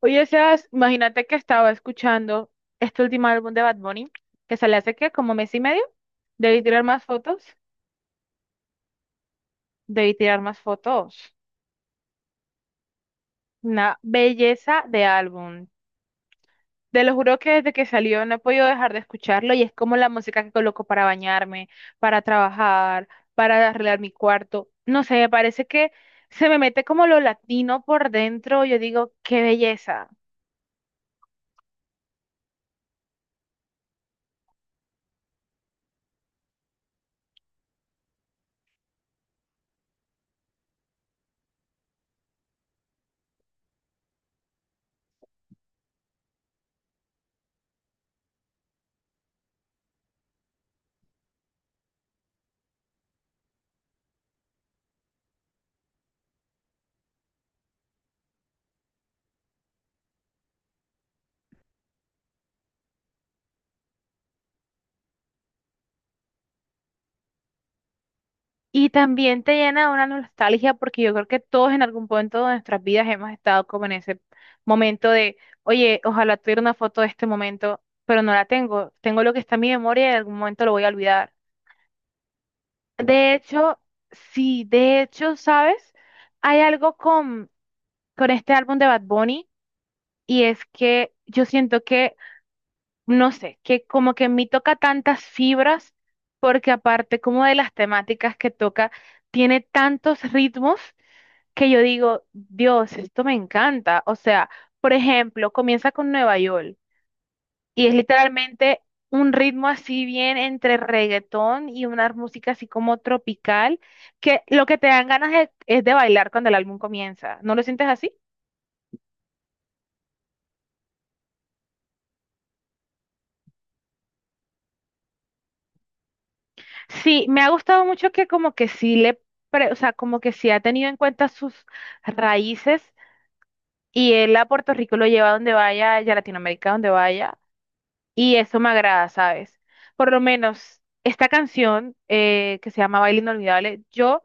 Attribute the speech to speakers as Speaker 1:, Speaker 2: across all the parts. Speaker 1: Oye, Sebas, imagínate que estaba escuchando este último álbum de Bad Bunny, que sale hace que como mes y medio. Debí tirar más fotos, debí tirar más fotos. Una belleza de álbum. Te lo juro que desde que salió no he podido dejar de escucharlo y es como la música que coloco para bañarme, para trabajar, para arreglar mi cuarto. No sé, me parece que se me mete como lo latino por dentro. Yo digo, qué belleza. Y también te llena de una nostalgia porque yo creo que todos en algún punto de nuestras vidas hemos estado como en ese momento de, oye, ojalá tuviera una foto de este momento, pero no la tengo. Tengo lo que está en mi memoria y en algún momento lo voy a olvidar. De hecho, sí, de hecho, ¿sabes? Hay algo con este álbum de Bad Bunny y es que yo siento que, no sé, que como que en mí toca tantas fibras porque aparte como de las temáticas que toca, tiene tantos ritmos que yo digo, Dios, esto me encanta. O sea, por ejemplo, comienza con Nueva York y es literalmente un ritmo así bien entre reggaetón y una música así como tropical, que lo que te dan ganas es de bailar cuando el álbum comienza. ¿No lo sientes así? Sí, me ha gustado mucho que como que sí le, o sea, como que sí ha tenido en cuenta sus raíces. Y él a Puerto Rico lo lleva donde vaya, y a Latinoamérica donde vaya. Y eso me agrada, ¿sabes? Por lo menos esta canción que se llama Baile Inolvidable, yo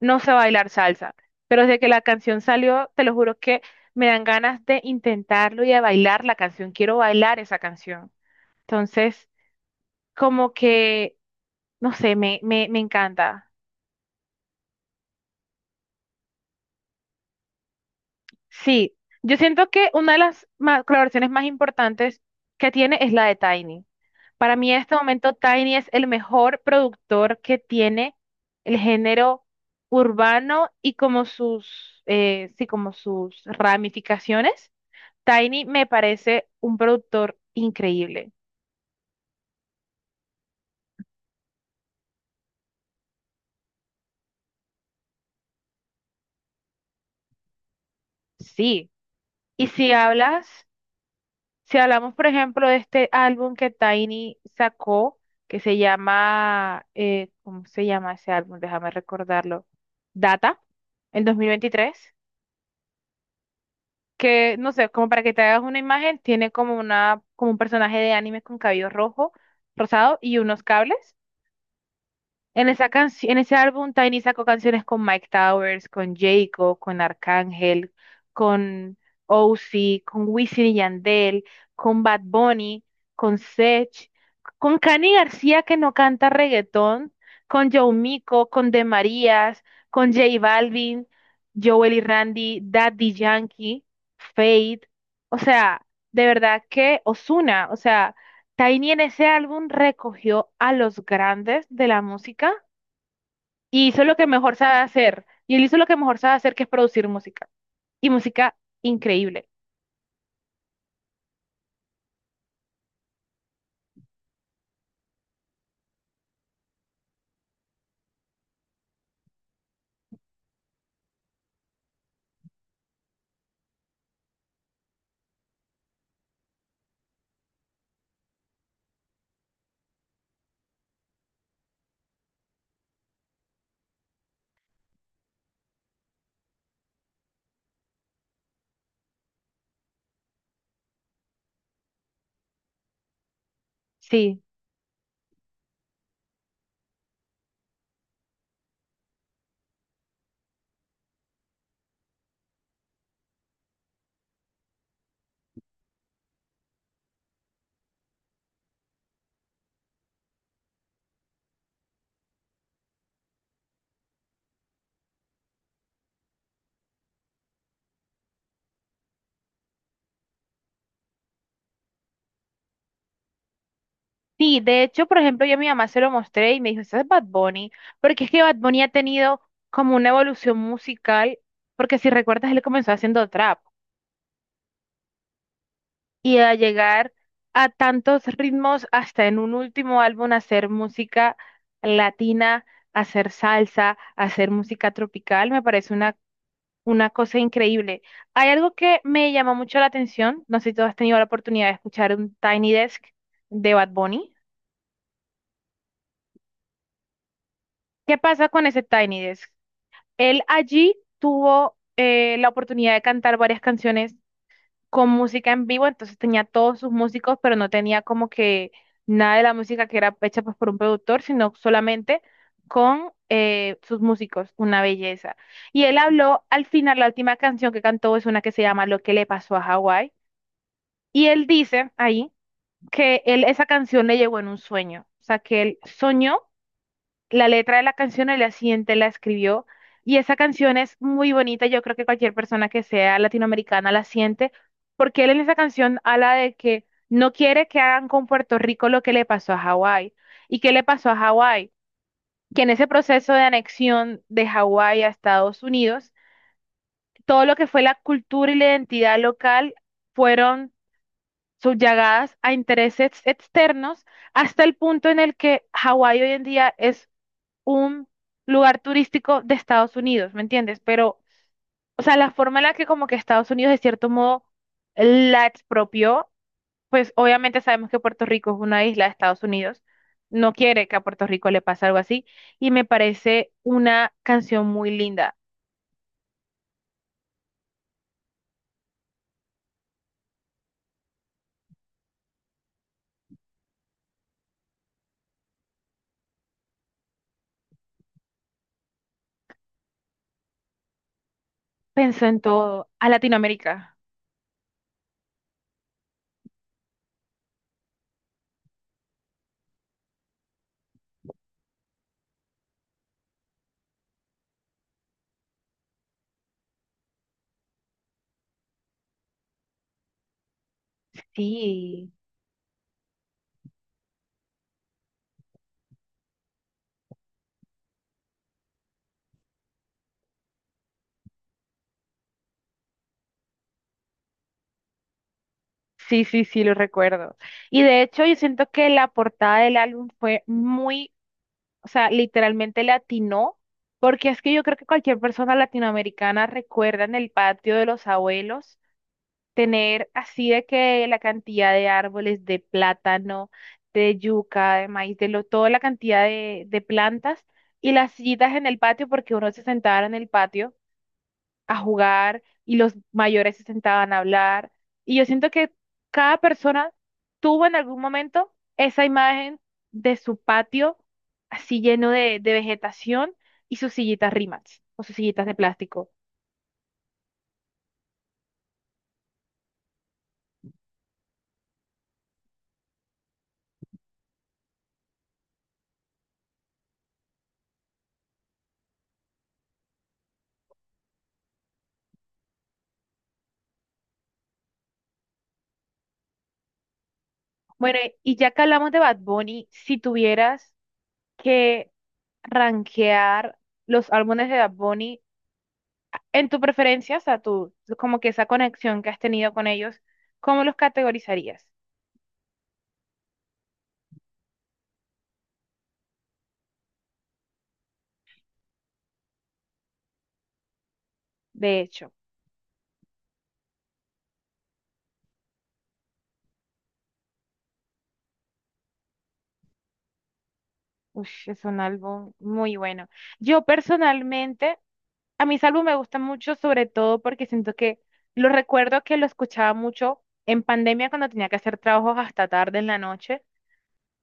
Speaker 1: no sé bailar salsa, pero desde que la canción salió, te lo juro que me dan ganas de intentarlo y de bailar la canción. Quiero bailar esa canción. Entonces, como que, no sé, me encanta. Sí, yo siento que una de las colaboraciones más importantes que tiene es la de Tiny. Para mí en este momento Tiny es el mejor productor que tiene el género urbano y como sus, sí, como sus ramificaciones. Tiny me parece un productor increíble. Sí. Y si hablamos, por ejemplo, de este álbum que Tiny sacó, que se llama, ¿cómo se llama ese álbum? Déjame recordarlo. Data, el 2023 que, no sé, como para que te hagas una imagen, tiene como una, como un personaje de anime con cabello rojo, rosado y unos cables. En ese álbum Tiny sacó canciones con Mike Towers, con Jacob, con Arcángel, con Ozzy, con Wisin y Yandel, con Bad Bunny, con Sech, con Cani García que no canta reggaetón, con Joe Mico, con De Marías, con J Balvin, Joel y Randy, Daddy Yankee, Fate, o sea, de verdad que Ozuna, o sea, Tiny en ese álbum recogió a los grandes de la música y hizo lo que mejor sabe hacer. Y él hizo lo que mejor sabe hacer, que es producir música. Y música increíble. Sí. Sí, de hecho, por ejemplo, yo a mi mamá se lo mostré y me dijo, ese es Bad Bunny, porque es que Bad Bunny ha tenido como una evolución musical, porque si recuerdas, él comenzó haciendo trap y a llegar a tantos ritmos hasta en un último álbum hacer música latina, hacer salsa, hacer música tropical, me parece una cosa increíble. Hay algo que me llama mucho la atención. No sé si tú has tenido la oportunidad de escuchar un Tiny Desk de Bad Bunny. ¿Qué pasa con ese Tiny Desk? Él allí tuvo la oportunidad de cantar varias canciones con música en vivo, entonces tenía todos sus músicos, pero no tenía como que nada de la música que era hecha pues, por un productor, sino solamente con sus músicos. Una belleza. Y él habló al final, la última canción que cantó es una que se llama Lo que le pasó a Hawái. Y él dice ahí que él esa canción le llegó en un sueño, o sea, que él soñó la letra de la canción, el día siguiente la escribió y esa canción es muy bonita, yo creo que cualquier persona que sea latinoamericana la siente, porque él en esa canción habla de que no quiere que hagan con Puerto Rico lo que le pasó a Hawái. ¿Y qué le pasó a Hawái? Que en ese proceso de anexión de Hawái a Estados Unidos, todo lo que fue la cultura y la identidad local fueron subyagadas a intereses externos hasta el punto en el que Hawái hoy en día es un lugar turístico de Estados Unidos, ¿me entiendes? Pero, o sea, la forma en la que como que Estados Unidos de cierto modo la expropió, pues obviamente sabemos que Puerto Rico es una isla de Estados Unidos, no quiere que a Puerto Rico le pase algo así, y me parece una canción muy linda. Pensó en todo, a Latinoamérica. Sí. Sí, sí, sí, lo recuerdo. Y de hecho, yo siento que la portada del álbum fue muy, o sea, literalmente latino, porque es que yo creo que cualquier persona latinoamericana recuerda en el patio de los abuelos tener así de que la cantidad de árboles de plátano, de yuca, de maíz, de lo, toda la cantidad de plantas y las sillitas en el patio, porque uno se sentaba en el patio a jugar y los mayores se sentaban a hablar. Y yo siento que cada persona tuvo en algún momento esa imagen de su patio así lleno de vegetación y sus sillitas Rimax o sus sillitas de plástico. Bueno, y ya que hablamos de Bad Bunny, si tuvieras que rankear los álbumes de Bad Bunny en tu preferencia, o sea, tú, como que esa conexión que has tenido con ellos, ¿cómo los categorizarías? De hecho. Ush, es un álbum muy bueno. Yo personalmente, a mis álbumes me gustan mucho, sobre todo porque siento que lo recuerdo que lo escuchaba mucho en pandemia cuando tenía que hacer trabajos hasta tarde en la noche,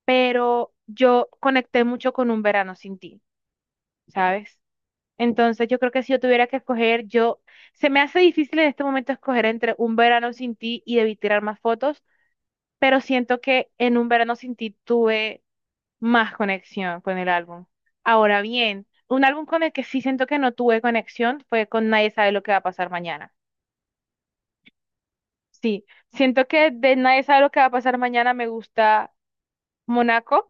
Speaker 1: pero yo conecté mucho con Un Verano Sin Ti, ¿sabes? Entonces yo creo que si yo tuviera que escoger, yo, se me hace difícil en este momento escoger entre Un Verano Sin Ti y Debí Tirar Más Fotos, pero siento que en Un Verano Sin Ti tuve más conexión con el álbum. Ahora bien, un álbum con el que sí siento que no tuve conexión fue con Nadie sabe lo que va a pasar mañana. Sí, siento que de Nadie sabe lo que va a pasar mañana me gusta Monaco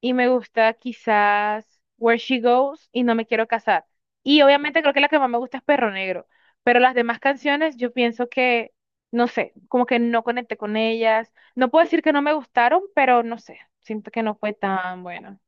Speaker 1: y me gusta quizás Where She Goes y No me quiero casar. Y obviamente creo que la que más me gusta es Perro Negro, pero las demás canciones yo pienso que, no sé, como que no conecté con ellas. No puedo decir que no me gustaron, pero no sé, siento que no fue tan bueno.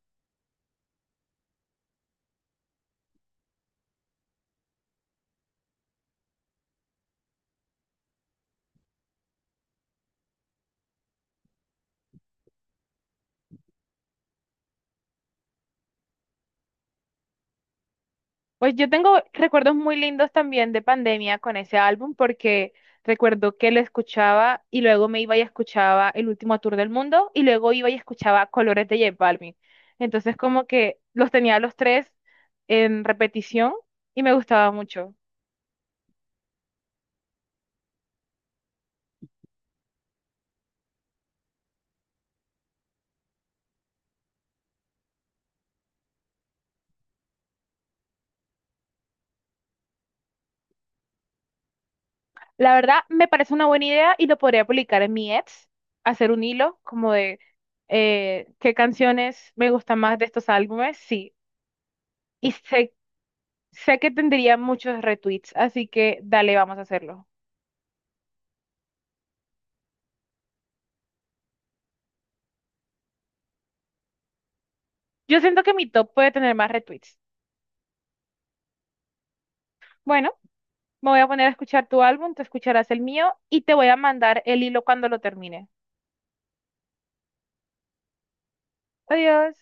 Speaker 1: Pues yo tengo recuerdos muy lindos también de pandemia con ese álbum porque recuerdo que lo escuchaba y luego me iba y escuchaba El Último Tour del Mundo y luego iba y escuchaba Colores de J Balvin. Entonces como que los tenía los tres en repetición y me gustaba mucho. La verdad me parece una buena idea y lo podría publicar en mi Etsy, hacer un hilo como de qué canciones me gustan más de estos álbumes, sí. Y sé Sé que tendría muchos retweets, así que dale, vamos a hacerlo. Yo siento que mi top puede tener más retweets. Bueno, me voy a poner a escuchar tu álbum, tú escucharás el mío y te voy a mandar el hilo cuando lo termine. Adiós.